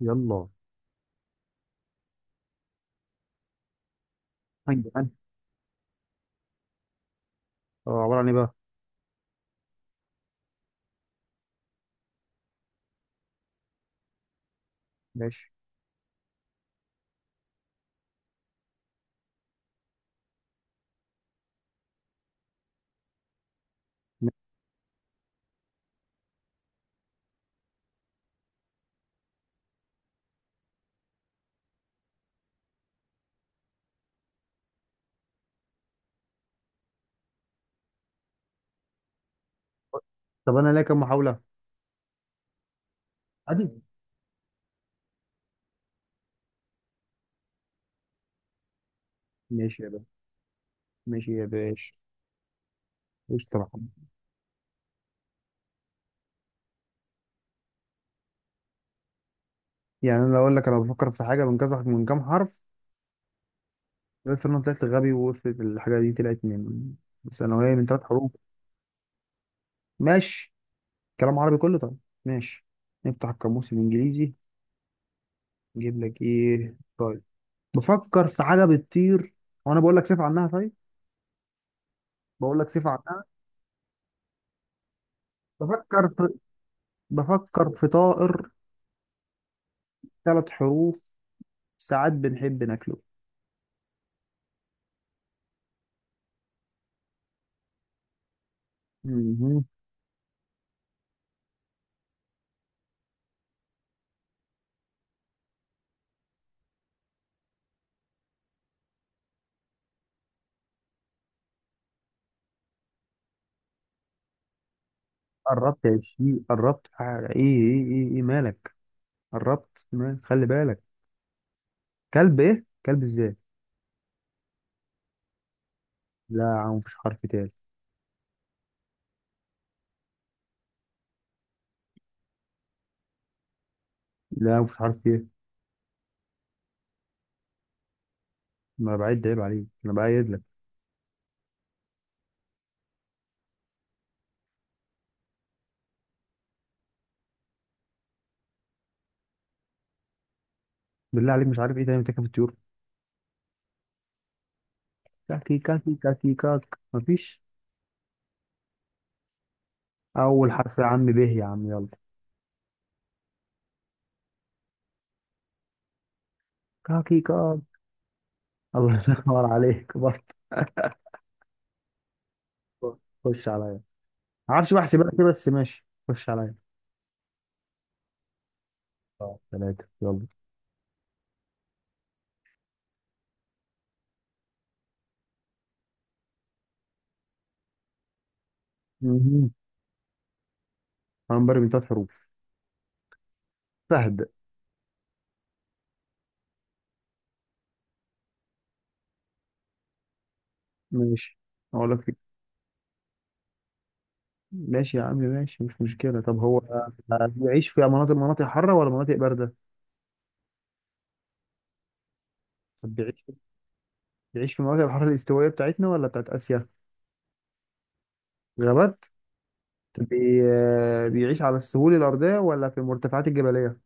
يلا. هنجي انا. اه، عبارة عن ايه بقى. ماشي ماشي. طب انا ليا كام محاولة؟ عادي. ماشي يا باشا. ماشي يا باشا. قشطة يا محمد. يعني انا لو اقول لك انا بفكر في حاجة من كام حرف. قلت انا طلعت غبي وقلت الحاجة دي طلعت من ثانوية من ثلاث حروف. ماشي. كلام عربي كله طيب. ماشي. نفتح القاموس الانجليزي. نجيب لك ايه طيب؟ بفكر في حاجة بتطير، وانا بقول لك صفة عنها. طيب، بقول لك صفة عنها. بفكر في بفكر في طائر. ثلاث حروف. ساعات بنحب ناكله. مهم. قربت يا شيخ، قربت. ايه ايه ايه ايه مالك؟ قربت مالك. خلي بالك. كلب؟ ايه كلب ازاي؟ لا يا عم، مفيش حرف تاني. لا يا عم، مفيش حرف ايه. ما أنا بعد، عيب عليك، انا بايد لك. بالله عليك مش عارف ايه تاني بتاكل في الطيور؟ كاكي كاكي كاكي كاك مفيش. اول حرف يا عم به، يا عم يلا. كاكي كاك. الله، ينور عليك بط. بط. خش عليا. معرفش بحسب لك ايه، بس ماشي، خش عليا. اه، ثلاثة، يلا. مهم. هنبرم من ثلاث حروف. سهل. ماشي. اقول لك. ماشي يا عم، ماشي، مش مشكله. طب هو بيعيش في مناطق حاره ولا مناطق بارده؟ طب بيعيش في مناطق الحاره الاستوائيه بتاعتنا ولا بتاعت اسيا؟ غابات. طب بيعيش على السهول الارضيه ولا في المرتفعات الجبليه؟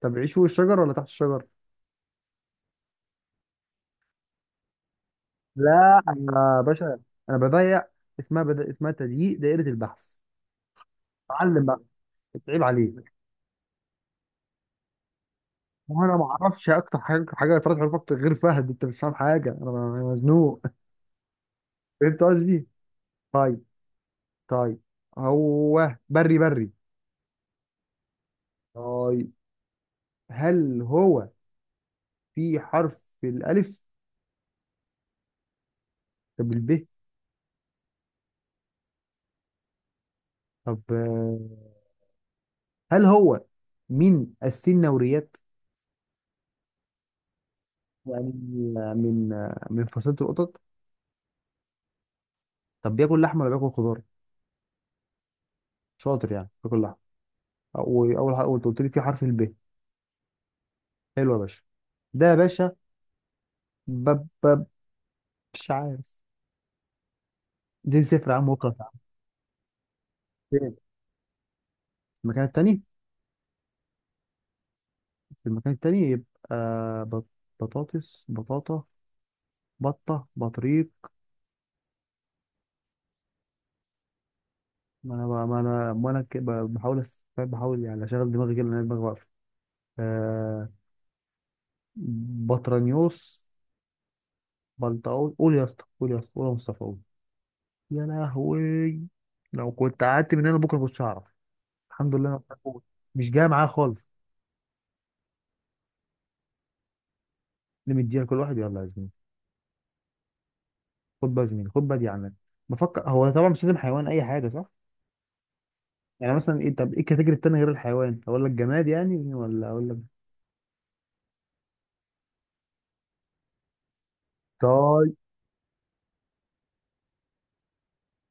طب بيعيش فوق الشجر ولا تحت الشجر؟ لا انا يا باشا، انا بضيق. اسمها تضييق دائره البحث. اتعلم بقى، اتعيب عليك. وانا ما اعرفش اكتر حاجه حاجه ثلاث حروف اكتر غير فهد، انت مش فاهم حاجه، انا مزنوق. فهمت قصدي؟ طيب. طيب. هو بري بري؟ طيب. هل هو في حرف الألف؟ طب الب. طب هل هو من السنوريات؟ يعني من فصيلة القطط. طب بياكل لحم ولا بياكل خضار؟ شاطر، يعني بياكل لحم. وأول حاجة قلت لي في حرف الب. حلو يا باشا. ده يا باشا. بب بب. مش عارف. دي صفر يا عم وخلاص يا عم. فين؟ في المكان التاني. في المكان التاني يبقى بط-. بطاطس بطاطا بطة بطريق. ما انا بحاول فاهم؟ بحاول يعني اشغل دماغي كده لان أنا دماغي واقفه. آه بطرانيوس بلطاوي، قول يا اسطى، قول يا اسطى، قول يا مصطفى، قول. يا لهوي. لو كنت قعدت من هنا بكره كنتش هعرف. الحمد لله انا بقول. مش جاي معايا خالص. اللي مدينا كل واحد، يلا يا زميلي. خد بقى يا زميلي، خد بقى دي عنك. بفكر. هو طبعا مش لازم حيوان، اي حاجه صح؟ يعني مثلا ايه؟ طب ايه الكاتيجوري التاني غير الحيوان؟ اقول لك جماد يعني ولا اقول لك؟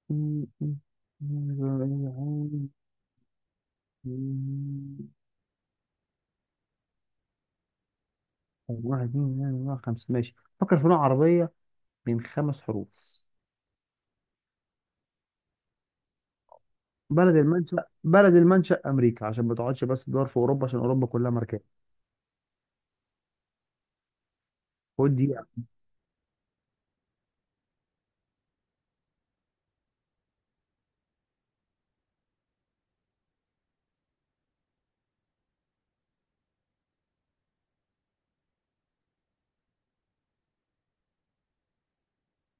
طيب. واحد اتنين تلاتة أربعة خمسة، ماشي. فكر في نوع عربية من خمس حروف. بلد المنشأ أمريكا، عشان ما تقعدش بس تدور في أوروبا، عشان أوروبا كلها ماركات. خد دي.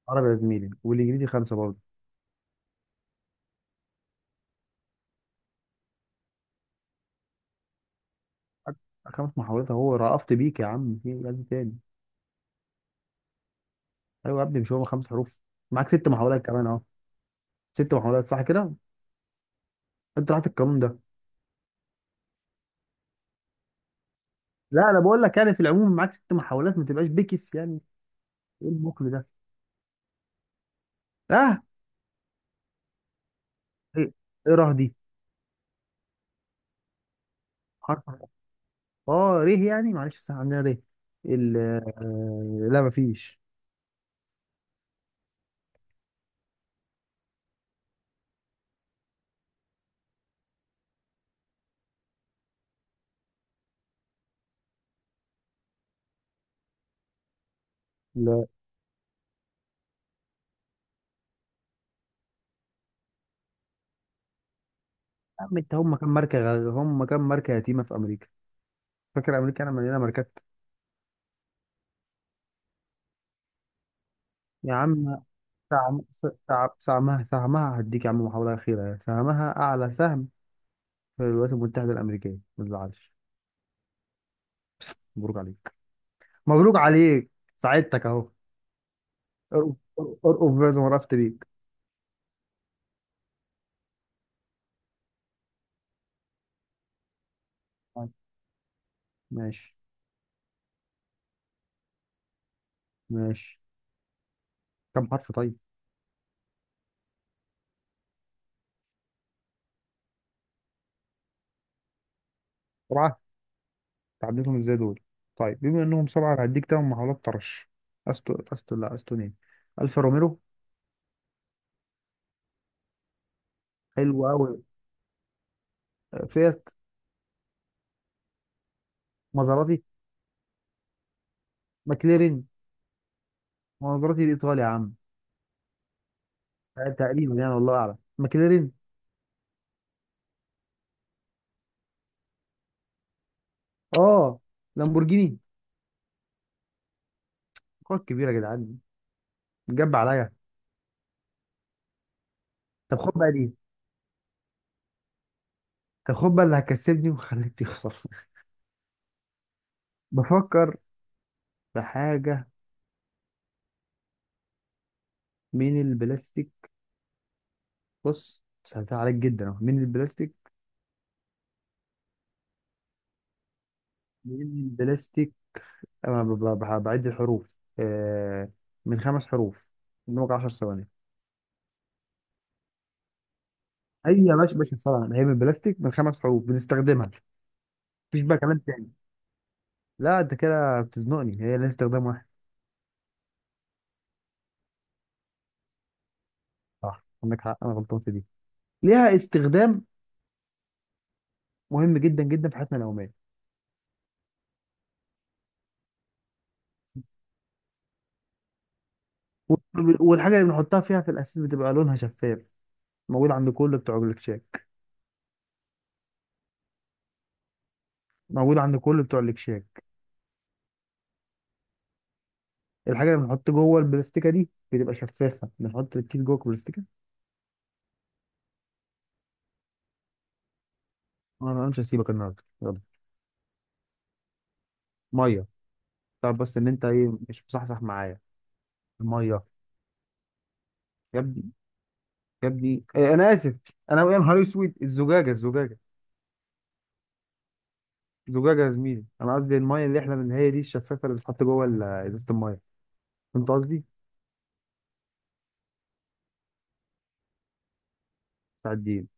عربي يا زميلي، والإنجليزي خمسة برضه. أك- خمس محاولات أهو، رأفت بيك يا عم. في إيه يا ابني تاني؟ أيوة يا ابني، مش هو خمس حروف؟ معاك ست محاولات كمان أهو. ست محاولات صح كده. أنت راحت القانون ده. لا أنا بقول لك يعني في العموم معاك ست محاولات، ما تبقاش بكس يعني. إيه المقل ده؟ أه. إيه إيه راه دي؟ حرف. اه ريه، يعني معلش بس عندنا ريه ال. لا مفيش. لا يا عم، انت هم كام ماركه يتيمه في امريكا؟ فاكر امريكا انا مليانه ماركات؟ يا عم. سعم سعم سعمها سهمها. هديك يا عم محاوله اخيره. سهمها اعلى سهم في الولايات المتحده الامريكيه، ما تزعلش. مبروك عليك. مبروك عليك. ساعدتك اهو. ارقف ارقف ارقف بقى، زي ما رفت بيك. ماشي. ماشي. كم حرف طيب؟ تعديلهم ازاي دول؟ طيب بما انهم سبعه أنا هديك تمن محاولات طرش. استو استو لا استونين. الفا روميرو. حلو قوي. فيات. مازراتي. ماكلارين. مازراتي الايطالي يا عم. تقريبا يعني والله اعلم ماكلارين. اه، لامبورجيني. خد كبيره يا جدعان. جاب عليا. طب خد بقى دي. طب خد بقى اللي هكسبني وخليك تخسر. بفكر في حاجه من البلاستيك. بص سهلتها عليك جدا أهو. من البلاستيك. من البلاستيك. أنا بعد الحروف. آه، من خمس حروف. قدامك 10 ثواني. أي يا باشا باشا سهلة، هي من بلاستيك من خمس حروف، بنستخدمها. مفيش بقى كمان تاني؟ لا أنت كده بتزنقني، هي لها استخدام واحد. صح عندك حق أنا غلطان في دي. ليها استخدام مهم جدا جدا في حياتنا اليومية. والحاجة اللي بنحطها فيها في الأساس بتبقى لونها شفاف. موجود عند كل بتوع الكشاك. موجود عند كل بتوع الكشاك. الحاجة اللي بنحط جوه البلاستيكة دي بتبقى شفافة، بنحط الكيس جوه البلاستيكة. أنا مش هسيبك النهاردة، يلا. مية. تعرف بس ان انت ايه؟ مش مصحصح معايا. الميه. يا ابني، يا ابني، إيه انا اسف. انا يا نهار اسود، الزجاجه الزجاجه. الزجاجه يا زميلي، انا قصدي الميه اللي احنا من هي دي الشفافه اللي بتتحط جوه ازازه الميه. فهمت قصدي؟ بتاع الدين.